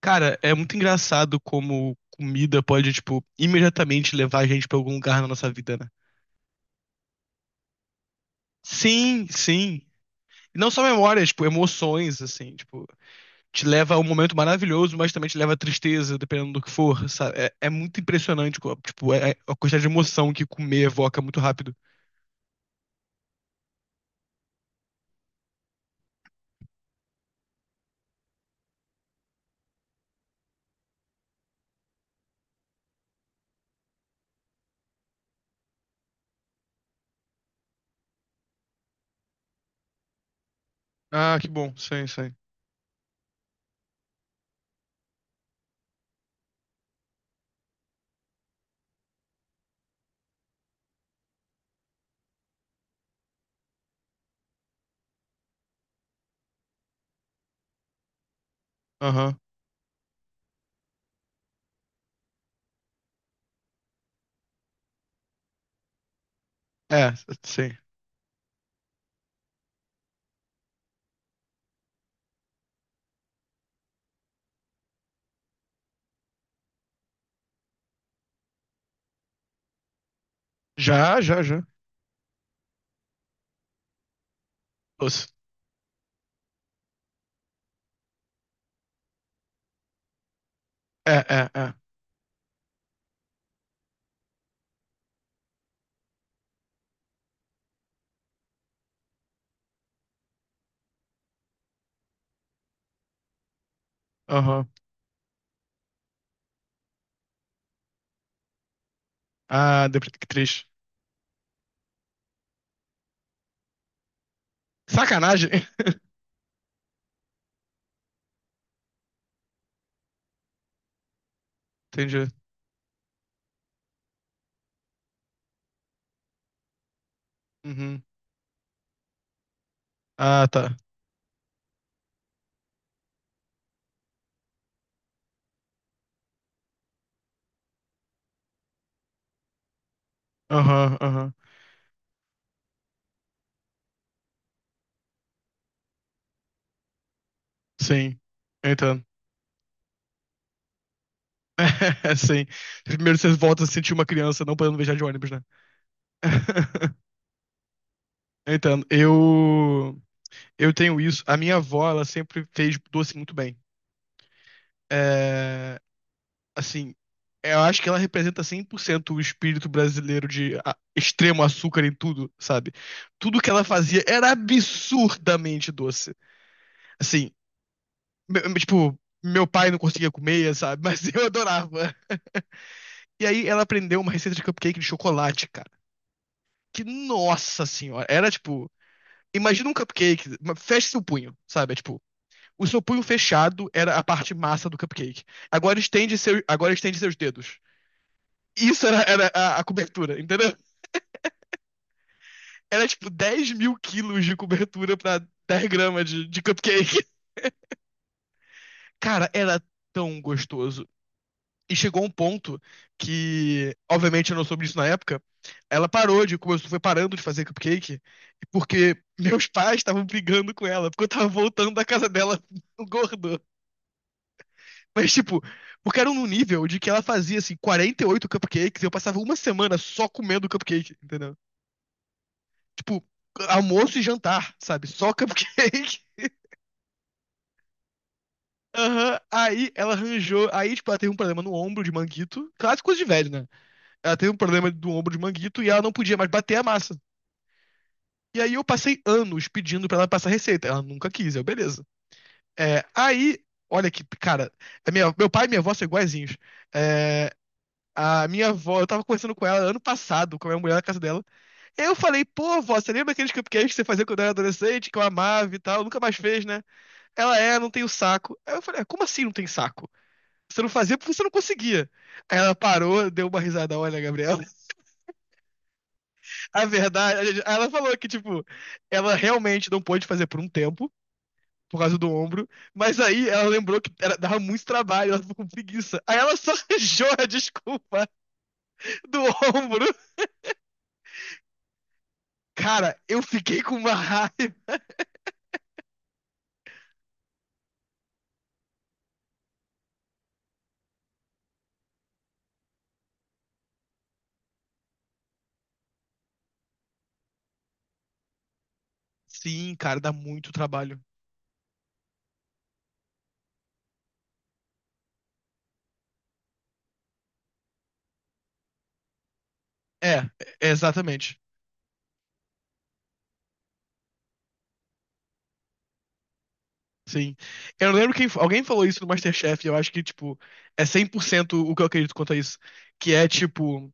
Cara, é muito engraçado como comida pode, tipo, imediatamente levar a gente pra algum lugar na nossa vida, né? Sim, sim. E não só memórias, tipo, emoções, assim, tipo, te leva a um momento maravilhoso, mas também te leva a tristeza, dependendo do que for, sabe? É, é muito impressionante, tipo, é a quantidade de emoção que comer evoca muito rápido. Ah, que bom, sim, sim. Aham. É, sim. Já, já, já. Nossa. É, é, é. Aham. Ah, que triste. Sacanagem. Entendi. Uhum. Ah, tá. Aham, aham. Sim. Eu entendo. Sim. Primeiro você volta a se sentir uma criança não podendo viajar de ônibus, né? Eu entendo. Eu tenho isso. A minha avó, ela sempre fez doce muito bem. É, assim, eu acho que ela representa 100% o espírito brasileiro de extremo açúcar em tudo, sabe? Tudo que ela fazia era absurdamente doce. Assim, tipo, meu pai não conseguia comer, sabe? Mas eu adorava. E aí ela aprendeu uma receita de cupcake de chocolate, cara. Que nossa senhora, era tipo, imagina um cupcake, feche seu punho, sabe? É tipo, o seu punho fechado era a parte massa do cupcake. Agora estende seus dedos. Isso era a cobertura, entendeu? Era tipo 10 mil quilos de cobertura pra 10 gramas de cupcake. Cara, era tão gostoso. E chegou um ponto que, obviamente, eu não soube disso na época. Ela foi parando de fazer cupcake, porque meus pais estavam brigando com ela, porque eu tava voltando da casa dela gordo. Mas, tipo, porque era num nível de que ela fazia, assim, 48 cupcakes e eu passava uma semana só comendo cupcake, entendeu? Tipo, almoço e jantar, sabe? Só cupcake. Aham. Aí ela arranjou. Aí, tipo, ela teve um problema no ombro de manguito. Claro, coisa de velho, né? Ela teve um problema do ombro de manguito e ela não podia mais bater a massa. E aí eu passei anos pedindo pra ela passar receita. Ela nunca quis, eu, beleza. É, aí, olha que, cara, meu pai e minha avó são iguaizinhos. É, a minha avó, eu tava conversando com ela ano passado, com a minha mulher na casa dela. E aí eu falei, pô, avó, você lembra aqueles cupcakes que você fazia quando eu era adolescente, que eu amava e tal? Nunca mais fez, né? Ela não tem o saco. Aí eu falei, "Ah, como assim não tem saco? Você não fazia porque você não conseguia." Aí ela parou, deu uma risada, olha, Gabriel. A verdade, ela falou que, tipo, ela realmente não pôde fazer por um tempo, por causa do ombro, mas aí ela lembrou que dava muito trabalho, ela ficou com preguiça. Aí ela só arranjou a desculpa do ombro. Cara, eu fiquei com uma raiva. Sim, cara, dá muito trabalho. É, é exatamente. Sim. Eu lembro que alguém falou isso no MasterChef, e eu acho que, tipo, é 100% o que eu acredito quanto a isso. Que é, tipo,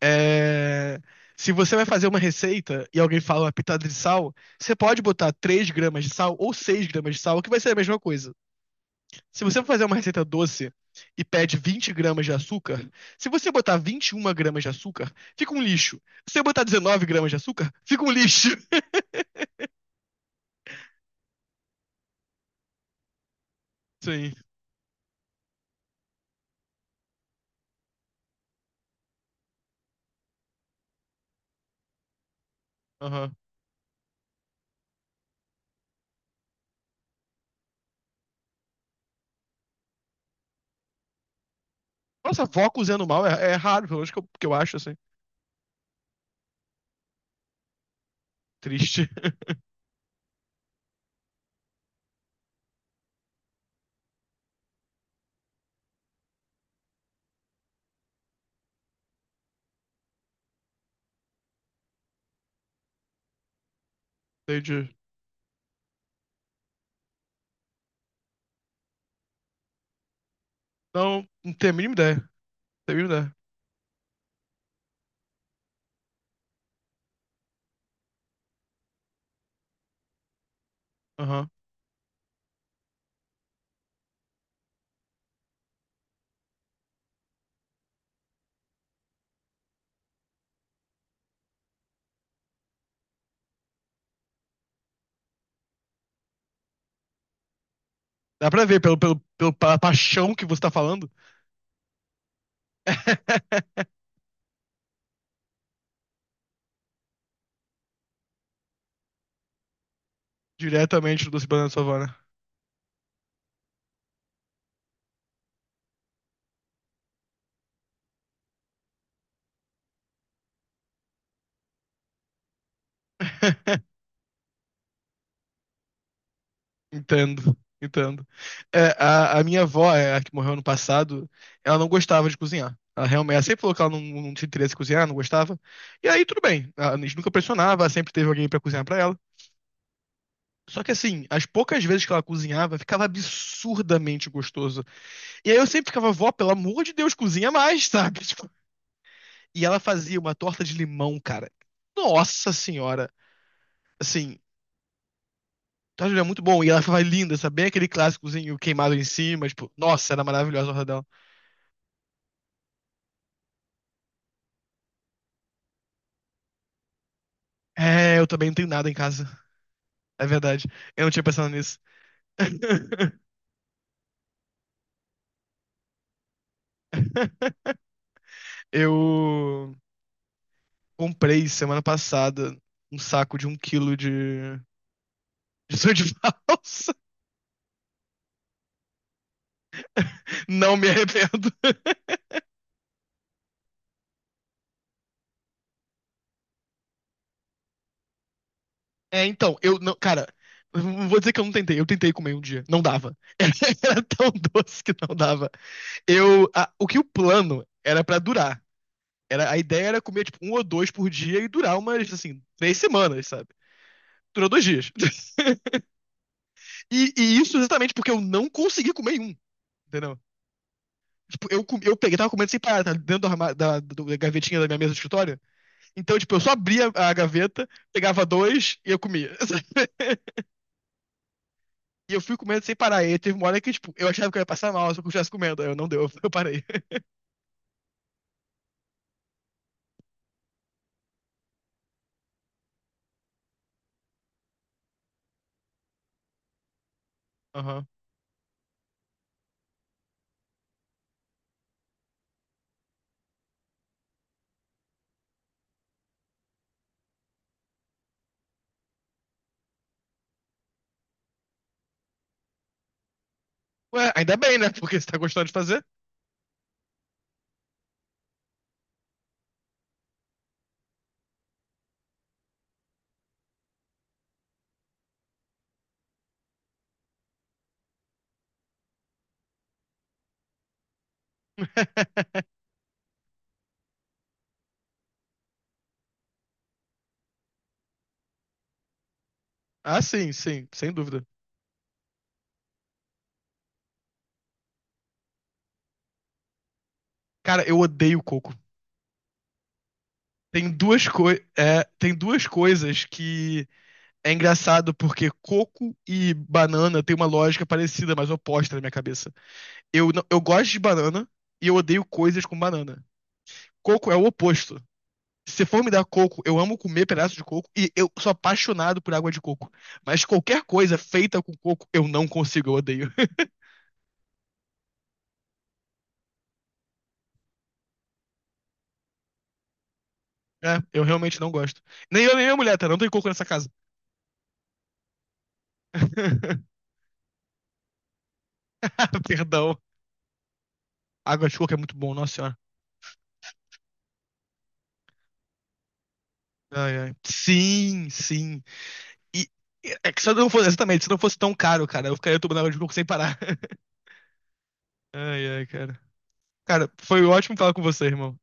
É, se você vai fazer uma receita e alguém fala uma pitada de sal, você pode botar 3 gramas de sal ou 6 gramas de sal, que vai ser a mesma coisa. Se você for fazer uma receita doce e pede 20 gramas de açúcar, se você botar 21 gramas de açúcar, fica um lixo. Se você botar 19 gramas de açúcar, fica um lixo. Sim. Aham. Nossa, vó cozinhando mal é raro, pelo menos que eu acho, assim. Triste. Entendi. Não, não tenho a mínima ideia. Não tenho a mínima ideia. Aham. Dá pra ver pelo, pela paixão que você tá falando. Diretamente do Banana Savana. Entendo, entendo. A minha avó, a que morreu ano passado, ela não gostava de cozinhar. Ela realmente, ela sempre falou que ela não tinha interesse em cozinhar, não gostava. E aí tudo bem, a gente nunca pressionava, ela sempre teve alguém pra cozinhar pra ela. Só que assim, as poucas vezes que ela cozinhava, ficava absurdamente gostoso. E aí eu sempre ficava, vó, pelo amor de Deus, cozinha mais, sabe? Tipo, e ela fazia uma torta de limão, cara. Nossa senhora. Assim, tá, Julia, muito bom. E ela foi linda, sabe? Bem aquele clássicozinho queimado em cima, tipo, nossa, era maravilhosa a horta dela. É, eu também não tenho nada em casa. É verdade. Eu não tinha pensado nisso. Eu comprei semana passada um saco de 1 quilo de sonho de valsa. Não me arrependo. É, então, eu não, cara, eu não vou dizer que eu não tentei. Eu tentei comer um dia. Não dava. Tão doce que não dava. O que o plano era pra durar. A ideia era comer, tipo, um ou dois por dia e durar umas, assim, 3 semanas, sabe? Durou 2 dias. E isso exatamente porque eu não consegui comer um, entendeu? Tipo, eu peguei, tava comendo sem parar, tá? Dentro do da gavetinha da minha mesa de escritório. Então, tipo, eu só abria a gaveta, pegava dois e eu comia. E eu fui comendo sem parar. E teve uma hora que, tipo, eu achava que eu ia passar mal se eu continuasse comendo. Aí eu não deu, eu parei. Aham. Ué, ainda bem, né? Porque você tá gostando de fazer. Ah, sim, sim, sem dúvida. Cara, eu odeio coco. Tem duas coisas que é engraçado porque coco e banana tem uma lógica parecida, mas oposta na minha cabeça. Eu, não- Eu gosto de banana e eu odeio coisas com banana. Coco é o oposto. Se for me dar coco, eu amo comer pedaço de coco e eu sou apaixonado por água de coco. Mas qualquer coisa feita com coco, eu não consigo, eu odeio. É, eu realmente não gosto. Nem eu, nem minha mulher, tá? Não tem coco nessa casa. Perdão. Água de coco é muito bom, nossa senhora. Ai, ai. Sim, sim. E É que se eu não fosse, exatamente, se não fosse tão caro, cara, eu ficaria tomando água de coco sem parar. Ai, ai, cara. Cara, foi ótimo falar com você, irmão.